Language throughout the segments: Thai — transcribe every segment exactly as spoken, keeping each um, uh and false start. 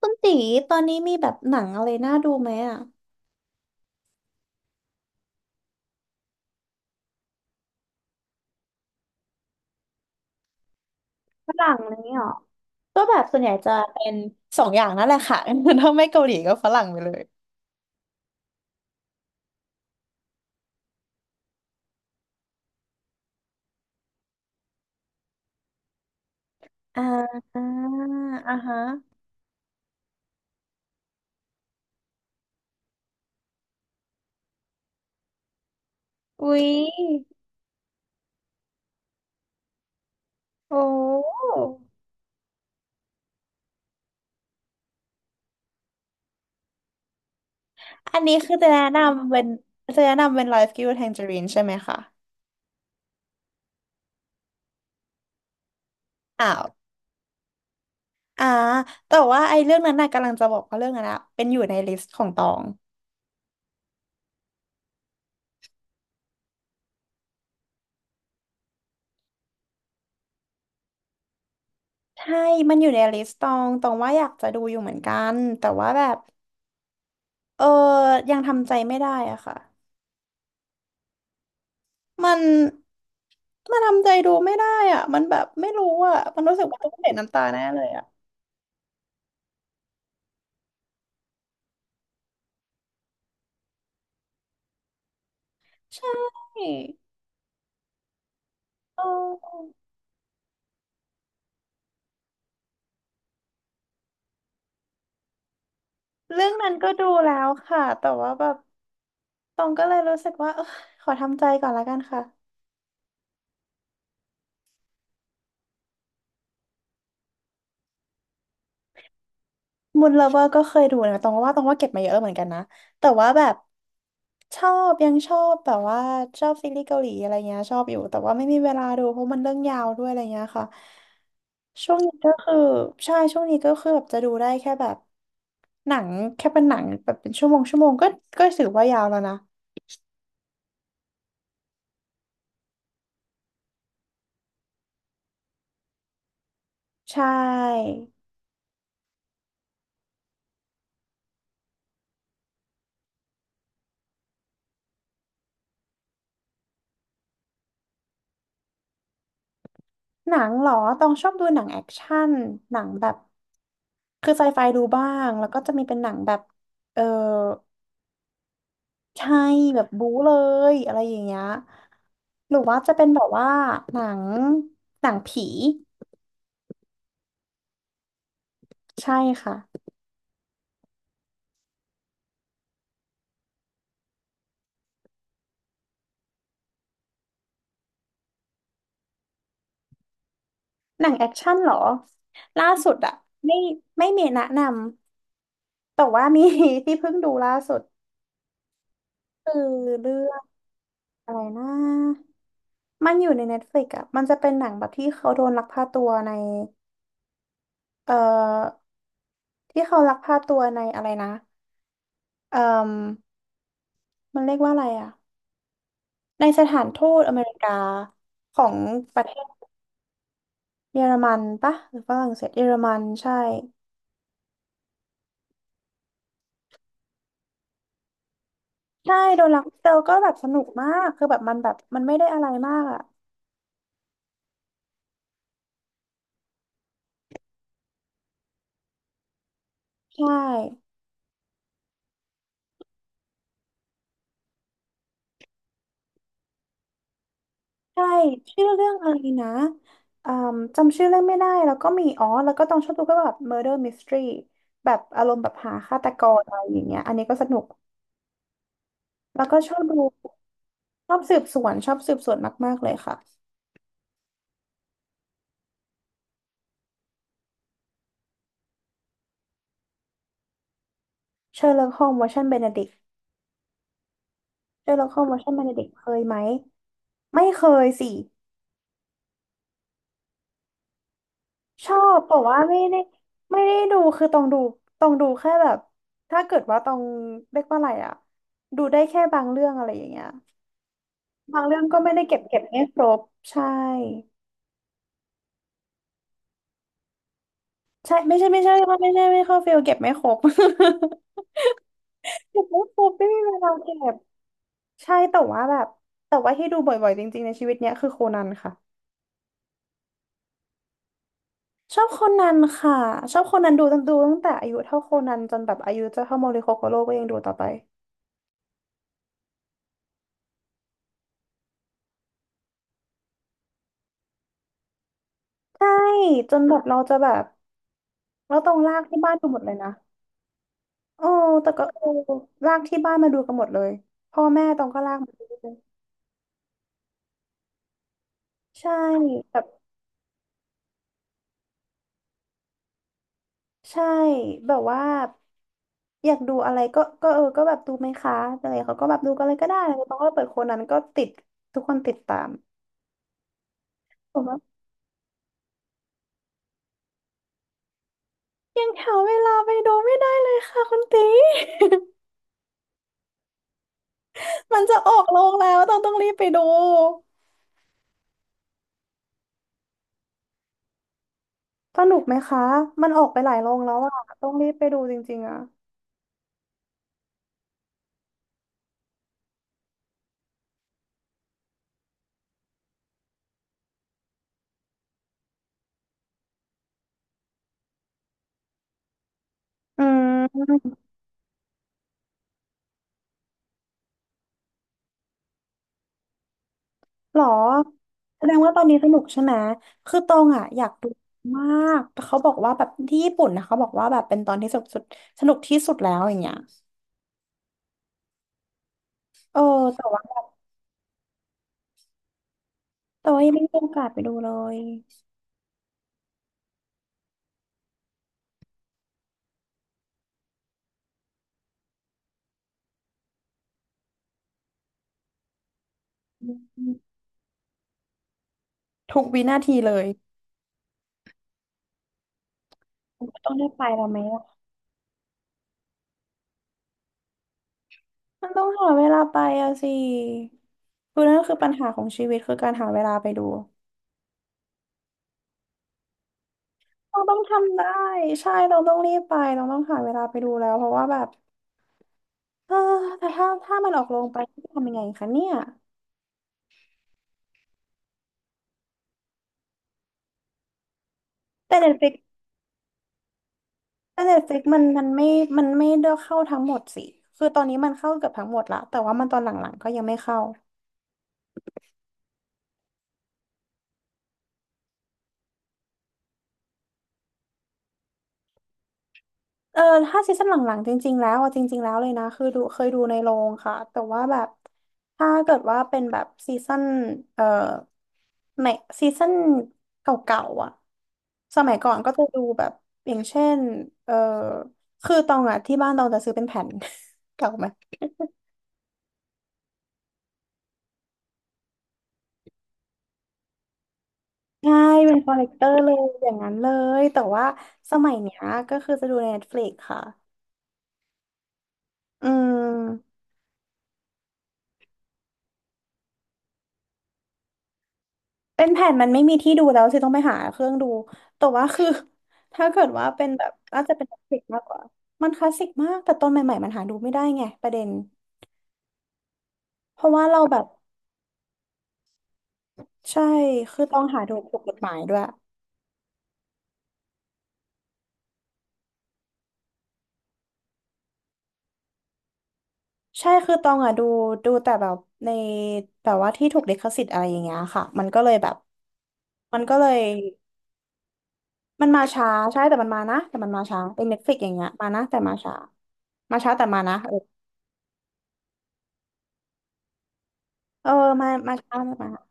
คุณตีตอนนี้มีแบบหนังอะไรน่าดูไหมอ่ะฝรั่งอะไรอย่างเงี้ยหรอก็แบบส่วนใหญ่จะเป็นสองอย่างนั่นแหละค่ะ ถ้าไม่เกาหลีก็ฝรั่งไปเลยอ่าอ่าอ่าฮะอุ๊ยโอ้อันนี้คือจะแนะนำเป็นจะแนะนำเป็น Life Giver Tangerine ใช่ไหมคะอ้าวอ่าแต่ว่าไอ้เรื่องนั้นน่ะกำลังจะบอกว่าเรื่องนั้นอะเป็นอยู่ในลิสต์ของตองใช่มันอยู่ในลิสต์ตองตองว่าอยากจะดูอยู่เหมือนกันแต่ว่าแบบ เออยังทำใจไม่ได้อะค่ะ มันมันทำใจดูไม่ได้อะมันแบบไม่รู้อะมันรู้สึกว่าต้องเห็นน้ำตาแน่เลยอะใช่เออเรื่องนั้นก็ดูแล้วค่ะ แต่ว่าแบบตองก็เลยรู้สึกว่าเออขอทำใจก่อนละกันค่ะ มูนเลเวอร์ก็เคยดูนะตองว่าตองว่าเก็บมาเยอะเหมือนกันนะแต่ว่าแบบชอบยังชอบแบบว่าชอบซีรีส์เกาหลีอะไรเงี้ยชอบอยู่แต่ว่าไม่มีเวลาดูเพราะมันเรื่องยาวด้วยอะไรเงี้ยค่ะช่วงนี้ก็คือใช่ช่วงนี้ก็คือแบบจะดูได้แค่แบบหนังแค่เป็นหนังแบบเป็นชั่วโมงชั่วโมงก็ก็ถือว่ายาวแล้วนะใช่หนังเหรอตองชอบดูหนังแอคชั่นหนังแบบคือไซไฟดูบ้างแล้วก็จะมีเป็นหนังแบบเออ ใช่แบบบู๊เลยอะไรอย่างเงี้ยหรือว่าจะเป็นแบบว่าหนังหนังผีใช่ค่ะหนังแอคชั่นเหรอล่าสุดอะไม่ไม่มีแนะนำแต่ว่ามี ที่เพิ่งดูล่าสุดคือเรื่องอะไรนะมันอยู่ใน Netflix อะมันจะเป็นหนังแบบที่เขาโดนลักพาตัวในเอ่อที่เขาลักพาตัวในอะไรนะเอ่อมมันเรียกว่าอะไรอะในสถานทูตอเมริกาของประเท เยอรมันปะหรือฝรั่งเศสเยอรมันใช่ใช่โดนลักเตลก็แบบสนุกมากคือแบบมันแบบมันไม่ได้อะไรมากอ่ะใช่ใช่ชื่อเรื่องอะไรนะอืมจำชื่อเรื่องไม่ได้แล้วก็มีอ๋อแล้วก็ต้องชอบดูก็แบบ Murder Mystery แบบอารมณ์แบบหาฆาตกรอะไรอย่างเงี้ยอันนี้ก็สนุกแล้วก็ชอบดูชอบสืบสวนชอบสืบสวนมากๆเลยค่ะเชอร์ล็อกโฮมส์เวอร์ชันเบเนดิกเชอร์ล็อกโฮมส์เวอร์ชันเบเนดิกเคยไหมไม่เคยสิ ชอบแต่ว่าไม่ได้ไม่ได้ดูคือต้องดูต้องดูแค่แบบถ้าเกิดว่าต้องเรียกว่าอะไรอะดูได้แค่บางเรื่องอะไรอย่างเงี้ยบางเรื่องก็ไม่ได้เก็บเก็บไม่ครบใช่ใช่ไม่ใช่ไม่ใช่ว่าไม่ใช่ไม่เข้าฟิลเก็บไม่ครบ เก็บไม่ครบไม่มีเวลาเก็บใช่แต่ว่าแบบแต่ว่าที่ดูบ่อยๆจริงๆในชีวิตเนี้ยคือโคนันค่ะชอบโคนันค่ะชอบโคนันดูตั้งดูตั้งแต่อายุเท่าโคนันจนแบบอายุจะเท่าโมริโคโกโร่ก็ยังดูต่อไปใช่จนแบบเราจะแบบ แล้วต้องลากที่บ้านดูหมดเลยนะ โอ้ แต่ก็เออลากที่บ้านมาดูกันหมดเลยพ่อแม่ตองก็ลากมาดูด้วยใช่แบบใช่ แบบว่าอยากดูอะไรก็ก็เออ ก็แบบดูไหมคะอะไรเขาก็แบบดูกันเลยก็ได้แล้วตองก็เปิดคนนั้นก็ติด ทุกคนติดตามผมว่ายังหาเวลาไปดูไม่ได้เลยค่ะคุณตี มันจะออกโรงแล้วต้องต้องรีบไปดูสนุกไหมคะมันออกไปหลายโรงแล้วอะต้องรีบไปดูจริงๆอะอืม หรอแสดงว่าตอนนี้สนุกใช่ไหมคือตองอ่ะอยากดูมากแต่เขาบอกว่าแบบที่ญี่ปุ่นนะเขาบอกว่าแบบเป็นตอนที่สนุกสุดสนุกที่สุดแล้วอย่างเงี้ยเออแต่ว่าแต่ว่ายังไม่มีโอกาสไปดูเลยอืมทุกวินาทีเลยต้องได้ไปแล้วไหมอะมันต้องหาเวลาไปอะสิคือนั่นคือปัญหาของชีวิตคือการหาเวลาไปดูเราต้องทำได้ใช่เราต้องรีบไปเราต้องหาเวลาไปดูแล้วเพราะว่าแบบเออแต่ถ้าถ้ามันออกโรงไปจะทำยังไงคะเนี่ย แต่เน็ตฟลิกแต่เน็ตฟลิกมันมันไม่มันไม่ได้เข้าทั้งหมดสิคือตอนนี้มันเข้าเกือบทั้งหมดละแต่ว่ามันตอนหลังๆก็ยังไม่เข้าเออถ้าซีซั่นหลังๆจริงๆแล้วอะจริงๆแล้วเลยนะคือดูเคยดูในโรงค่ะแต่ว่าแบบถ้าเกิดว่าเป็นแบบซีซั่นเอ่อในซีซั่นเก่าๆอ่ะสมัยก่อนก็จะดูแบบอย่างเช่นเอ่อคือตองอ่ะที่บ้านตองจะซื้อเป็นแผ่น เก่าไหม ใช่เป็นคอลเลกเตอร์เลยอย่างนั้นเลยแต่ว่าสมัยเนี้ยก็คือจะดูใน Netflix ค่ะอืมเป็นแผ่นมันไม่มีที่ดูแล้วสิต้องไปหาเครื่องดูแต่ว่าคือถ้าเกิดว่าเป็นแบบน่าจะเป็น Netflix มากกว่ามันคลาสสิกมากแต่ตอนใหม่ๆมันหาดูไม่ได้ไงประเด็นเพราะว่าเราแบบใช่คือต้องหาดูถูกกฎหมายด้วยใช่คือตองอะดูดูแต่แบบในแบบว่าที่ถูกลิขสิทธิ์อะไรอย่างเงี้ยค่ะมันก็เลยแบบมันก็เลย มันมาช้าใช่แต่มันมานะแต่มันมาช้าเป็นเน็ตฟลิกอย่างเงี้ยมานะแต่มาช้ามาช้าแต่มานะเออเออมามาช้าแต่มานะ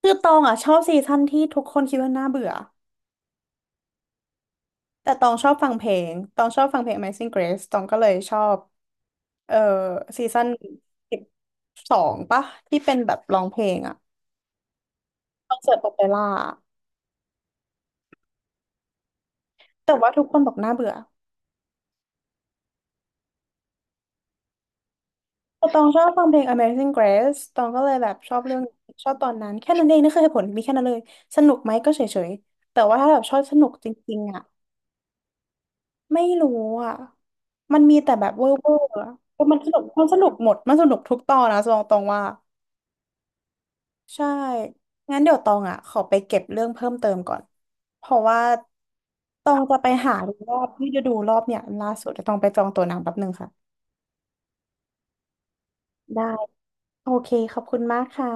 คือตองอ่ะชอบซีซั่นที่ทุกคนคิดว่าน่าเบื่อแต่ตองชอบฟังเพลงตองชอบฟังเพลง Amazing Grace ตองก็เลยชอบเออซีซั่นสิบสองปะที่เป็นแบบร้องเพลงอ่ะคอนเสิร์ตโอเปร่าแต่ว่าทุกคนบอกน่าเบื่อ ตองชอบฟังเพลง อเมซิ่งเกรซ ตองก็เลยแบบชอบเรื่องชอบตอนนั้นแค่นั้นเองนั่นคือเหตุผลมีแค่นั้นเลยสนุกไหมก็เฉยๆแต่ว่าถ้าแบบชอบสนุกจริงๆอ่ะไม่รู้อ่ะมันมีแต่แบบเวอร์เวอร์อะแต่มันสนุกมันสนุกหมดมันสนุกทุกตอนนะตองตองว่าใช่งั้นเดี๋ยวตองอ่ะขอไปเก็บเรื่องเพิ่มเติมก่อนเพราะว่าตองจะไปหาดูรอบที่จะดูรอบเนี่ยล่าสุดจะตองไปจองตั๋วหนังแป๊บนึงค่ะได้โอเคขอบคุณมากค่ะ